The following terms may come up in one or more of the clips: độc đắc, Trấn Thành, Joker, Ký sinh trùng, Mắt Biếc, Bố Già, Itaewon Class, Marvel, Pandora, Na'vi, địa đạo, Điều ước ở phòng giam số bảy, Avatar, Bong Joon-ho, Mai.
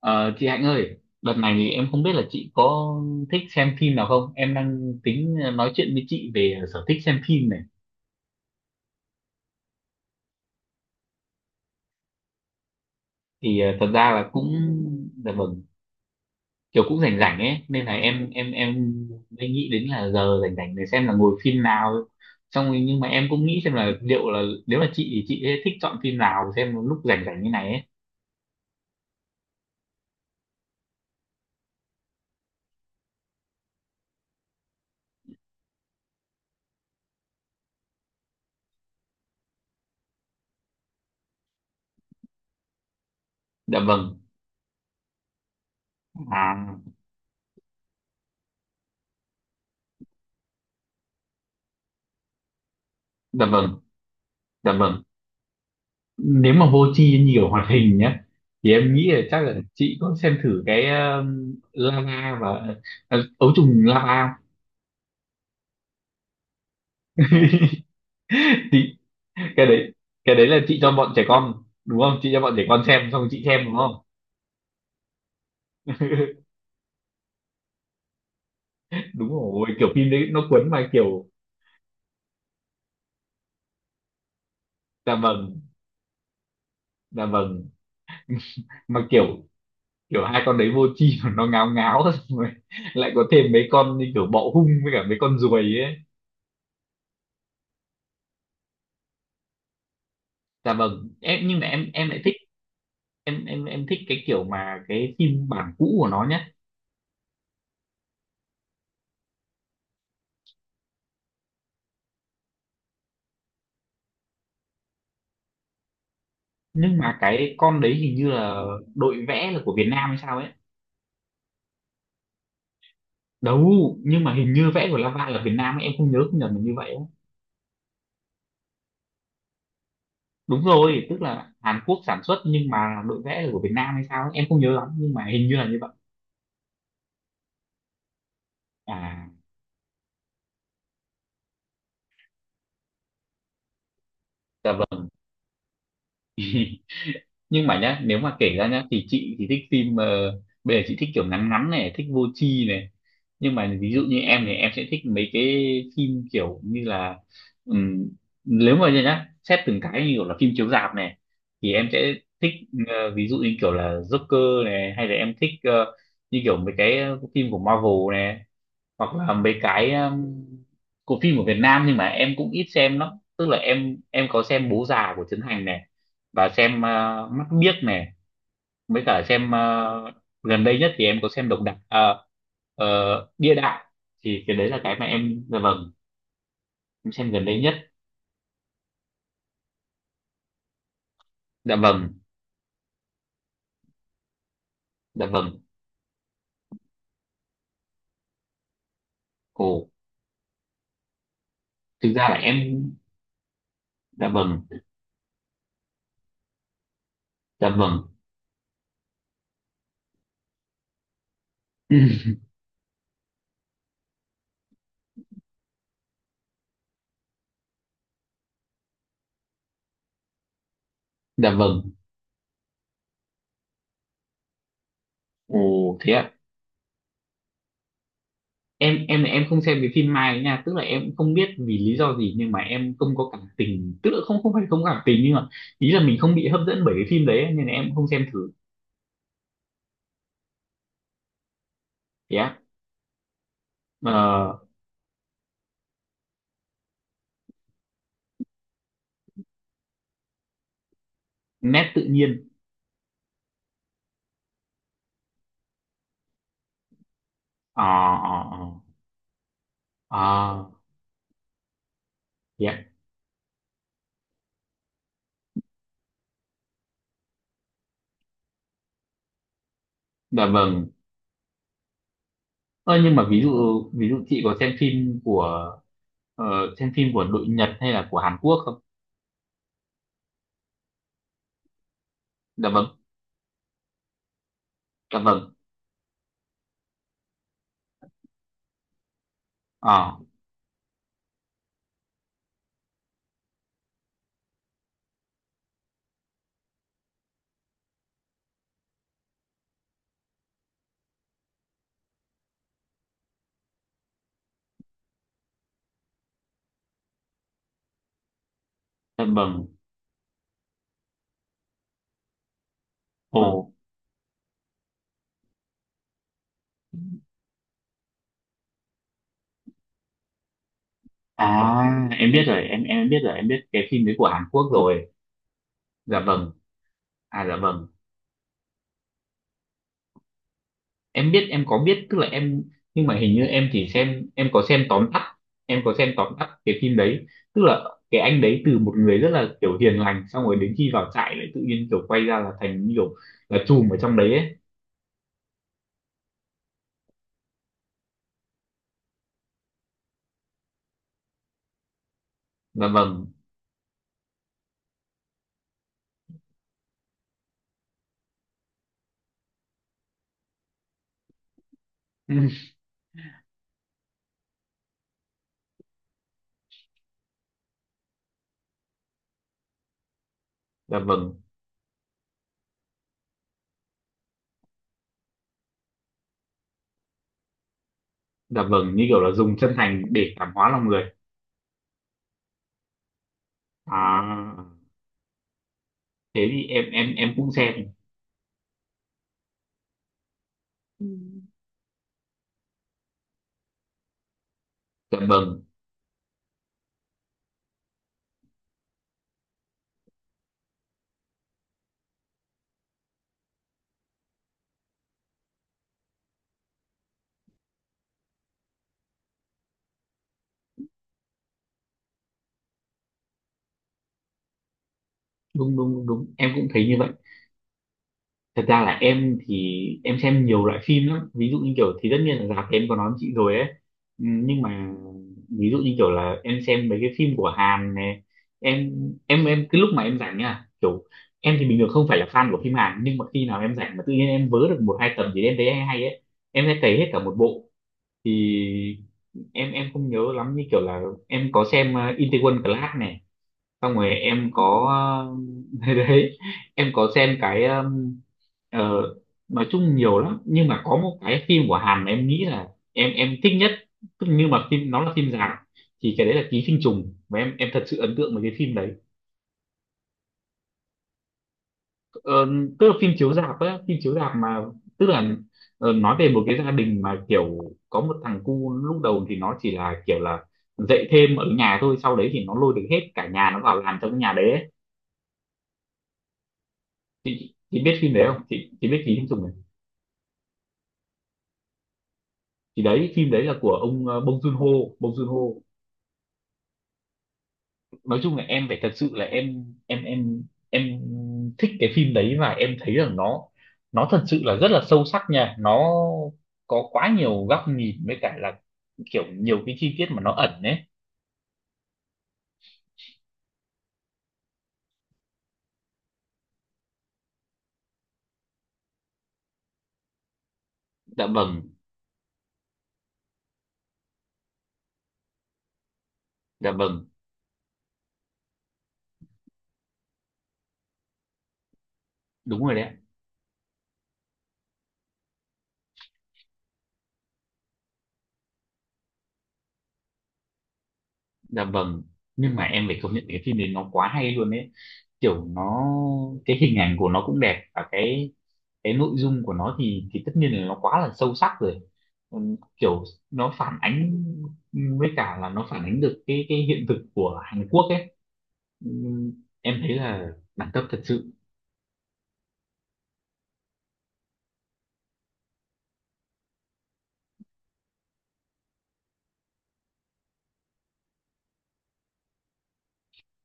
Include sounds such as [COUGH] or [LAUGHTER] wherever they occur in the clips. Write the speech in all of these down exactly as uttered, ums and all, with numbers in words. Ờ, chị Hạnh ơi, đợt này thì em không biết là chị có thích xem phim nào không? Em đang tính ờ, nói chuyện với chị về sở thích xem phim này. Thì ờ, thật ra là cũng dạ vâng, kiểu cũng rảnh rảnh ấy, nên là em em em mới nghĩ đến là giờ rảnh rảnh để xem là ngồi phim nào. Xong rồi nhưng mà em cũng nghĩ xem là liệu là nếu là chị thì chị sẽ thích chọn phim nào xem lúc rảnh rảnh như này ấy. Dạ vâng. À, dạ vâng, dạ vâng. Nếu mà vô tri nhiều hoạt hình nhé thì em nghĩ là chắc là chị có xem thử cái um, lava và à, ấu trùng lava không? [LAUGHS] Chị, cái đấy, cái đấy là chị cho bọn trẻ con đúng không, chị cho bọn trẻ con xem xong chị xem đúng không? [LAUGHS] Đúng rồi, kiểu phim đấy nó cuốn mà kiểu dạ vâng, dạ vâng, mà kiểu, kiểu hai con đấy vô tri [LAUGHS] mà nó ngáo ngáo [LAUGHS] xong rồi lại có thêm mấy con như kiểu bọ hung với cả mấy con ruồi ấy. Dạ vâng, em nhưng mà em em lại thích, em em em thích cái kiểu mà cái phim bản cũ của nó nhá. Nhưng mà cái con đấy hình như là đội vẽ là của Việt Nam hay sao ấy. Đâu, nhưng mà hình như vẽ của Lava là Việt Nam ấy. Em không nhớ không nhầm là như vậy ấy. Đúng rồi, tức là Hàn Quốc sản xuất nhưng mà đội vẽ là của Việt Nam hay sao ấy. Em không nhớ lắm nhưng mà hình như là như vậy. À dạ vâng. Nhưng mà nhá, nếu mà kể ra nhá thì chị thì thích phim ờ, bây giờ chị thích kiểu ngắn ngắn này, thích vô tri này, nhưng mà ví dụ như em thì em sẽ thích mấy cái phim kiểu như là ừm, nếu mà nhá xét từng cái như kiểu là phim chiếu rạp này thì em sẽ thích, ờ, ví dụ như kiểu là Joker này, hay là em thích ờ, như kiểu mấy cái ờ, phim của Marvel này, hoặc là mấy cái um, của phim của Việt Nam nhưng mà em cũng ít xem lắm. Tức là em em có xem Bố Già của Trấn Thành này, và xem ờ, Mắt Biếc này, với cả xem ờ, gần đây nhất thì em có xem độc đắc ờ, ờ, địa đạo, thì cái đấy là cái mà em dạ vâng em xem gần đây nhất. Dạ vâng, dạ vâng, ồ, thực ra là em dạ vâng, dạ vâng. [CLEARS THROAT] Ừ, dạ vâng, ồ, thế ạ. Em em em không xem cái phim Mai ấy nha, tức là em cũng không biết vì lý do gì nhưng mà em không có cảm tình, tức là không, không phải không có cảm tình nhưng mà ý là mình không bị hấp dẫn bởi cái phim đấy nên là em cũng không xem thử. Yeah. Nét tự nhiên. Ờ ờ ờ. Ờ, dạ. Dạ vâng. Ơ, nhưng mà ví dụ, ví dụ chị có xem phim của ờ, xem phim của đội Nhật hay là của Hàn Quốc không? Dạ vâng. Dạ vâng. Ờ, dạ vâng. Ồ. À, em biết rồi, em em biết rồi, em biết cái phim đấy của Hàn Quốc rồi. Dạ vâng. À dạ vâng. Em biết, em có biết, tức là em nhưng mà hình như em chỉ xem em có xem tóm tắt, em có xem tóm tắt cái phim đấy. Tức là cái anh đấy từ một người rất là kiểu hiền lành xong rồi đến khi vào trại lại tự nhiên kiểu quay ra là thành như kiểu là trùm ở trong đấy ấy. Dạ vâng. Ừ, dạ vâng, dạ vâng, như kiểu là dùng chân thành để cảm hóa lòng người. À, thế thì em em em cũng xem. Ừ. Dạ vâng, đúng đúng đúng đúng. Em cũng thấy như vậy. Thật ra là em thì em xem nhiều loại phim lắm, ví dụ như kiểu thì tất nhiên là rạp thì em có nói với chị rồi ấy. Ừ, nhưng mà ví dụ như kiểu là em xem mấy cái phim của Hàn này, em em em cái lúc mà em rảnh nha, kiểu em thì bình thường không phải là fan của phim Hàn nhưng mà khi nào em rảnh mà tự nhiên em vớ được một hai tập gì em thấy hay hay ấy em sẽ cày hết cả một bộ. Thì em em không nhớ lắm như kiểu là em có xem uh, Itaewon Class này, xong rồi em có ờ, [LAUGHS] đấy em có xem cái um, ờ, nói chung nhiều lắm nhưng mà có một cái phim của Hàn mà em nghĩ là em em thích nhất, tức nhưng mà phim nó là phim dài, thì cái đấy là Ký sinh trùng và em em thật sự ấn tượng với cái phim đấy. Ờ, tức là phim chiếu rạp á, phim chiếu rạp mà, tức là ờ, nói về một cái gia đình mà kiểu có một thằng cu lúc đầu thì nó chỉ là kiểu là dạy thêm ở nhà thôi, sau đấy thì nó lôi được hết cả nhà nó vào làm trong cái nhà đấy ấy. Chị, chị chị biết phim đấy không, chị chị biết ký sinh trùng này, thì đấy phim đấy là của ông ờ, Bong Joon-ho, Bong Joon-ho. Nói chung là em phải thật sự là em em em em thích cái phim đấy và em thấy rằng nó nó thật sự là rất là sâu sắc nha, nó có quá nhiều góc nhìn với cả là kiểu nhiều cái chi tiết mà nó ẩn ấy. Dạ vâng, dạ vâng, đúng rồi đấy ạ. Dạ vâng, nhưng mà em phải công nhận cái phim đấy nó quá hay luôn ấy, kiểu nó, cái hình ảnh của nó cũng đẹp và cái cái nội dung của nó thì thì tất nhiên là nó quá là sâu sắc rồi. Ừm, kiểu nó phản ánh, với cả là nó phản ánh được cái cái hiện thực của Hàn Quốc ấy. Ừm, em thấy là đẳng cấp thật sự.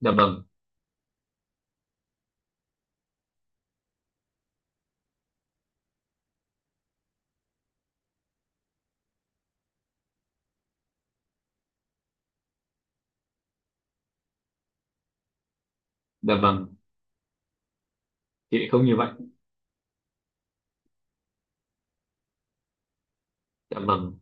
Dạ vâng, dạ vâng, chị lại không như vậy. Dạ vâng,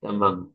dạ vâng,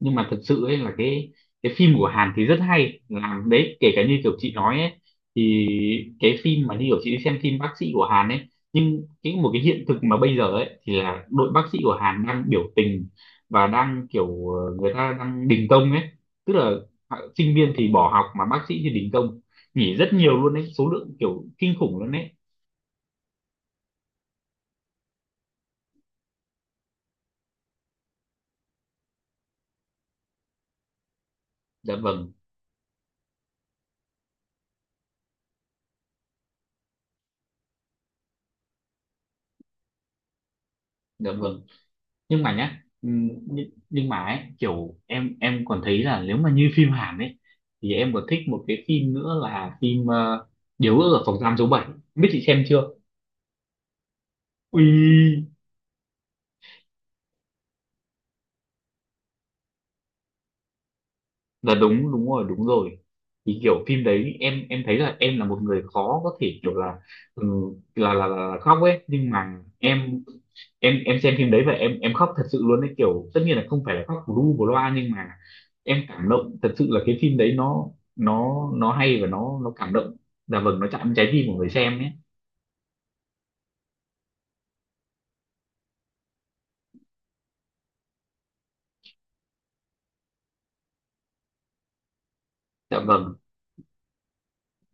nhưng mà thật sự ấy là cái cái phim của Hàn thì rất hay làm đấy, kể cả như kiểu chị nói ấy, thì cái phim mà như kiểu chị đi xem phim bác sĩ của Hàn ấy, nhưng cái một cái hiện thực mà bây giờ ấy thì là đội bác sĩ của Hàn đang biểu tình và đang kiểu ờ, người ta đang đình công ấy, tức là họ- sinh viên thì bỏ học mà bác sĩ thì đình công, nghỉ rất nhiều luôn đấy, số lượng kiểu kinh khủng luôn đấy. Dạ vâng, dạ vâng, nhưng mà nhá ừm, nhưng, nhưng mà ấy, kiểu em em còn thấy là nếu mà như [LAUGHS] phim Hàn ấy thì em còn thích một cái phim nữa là phim ờ, Điều ước ở phòng giam số bảy, biết chị xem chưa, ui, là đúng, đúng rồi đúng rồi, thì kiểu phim đấy em em thấy là em là một người khó có thể kiểu là, ừ, là, là là khóc ấy nhưng mà em, em em xem phim đấy và em em khóc thật sự luôn ấy, kiểu tất nhiên là không phải là khóc bù lu bù loa nhưng mà em cảm động thật sự là cái phim đấy, nó nó nó hay và nó nó cảm động. Dạ vâng, nó chạm đến trái tim của người xem ấy. Dạ vâng,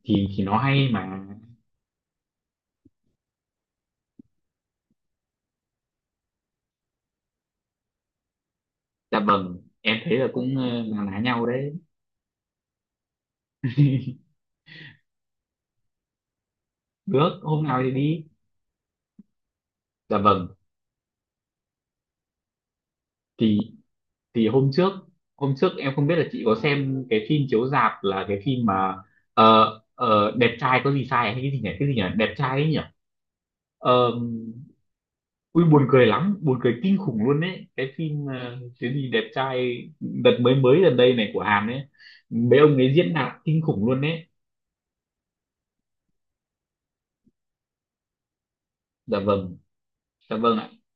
thì thì nó hay mà. Dạ vâng em thấy là cũng ờ, là lá nhau đấy. [LAUGHS] Được hôm nào thì đi. Dạ vâng, thì thì hôm trước, hôm trước em không biết là chị có xem cái phim chiếu rạp là cái phim mà ờ, ờ, đẹp trai có gì sai hay cái gì nhỉ, cái gì nhỉ, đẹp trai ấy nhỉ. Ờ, ui buồn cười lắm, buồn cười kinh khủng luôn đấy cái phim ờ, cái gì đẹp trai đợt mới, mới gần đây này của Hàn ấy, mấy ông ấy diễn đạt kinh khủng luôn đấy. Dạ vâng, dạ vâng ạ.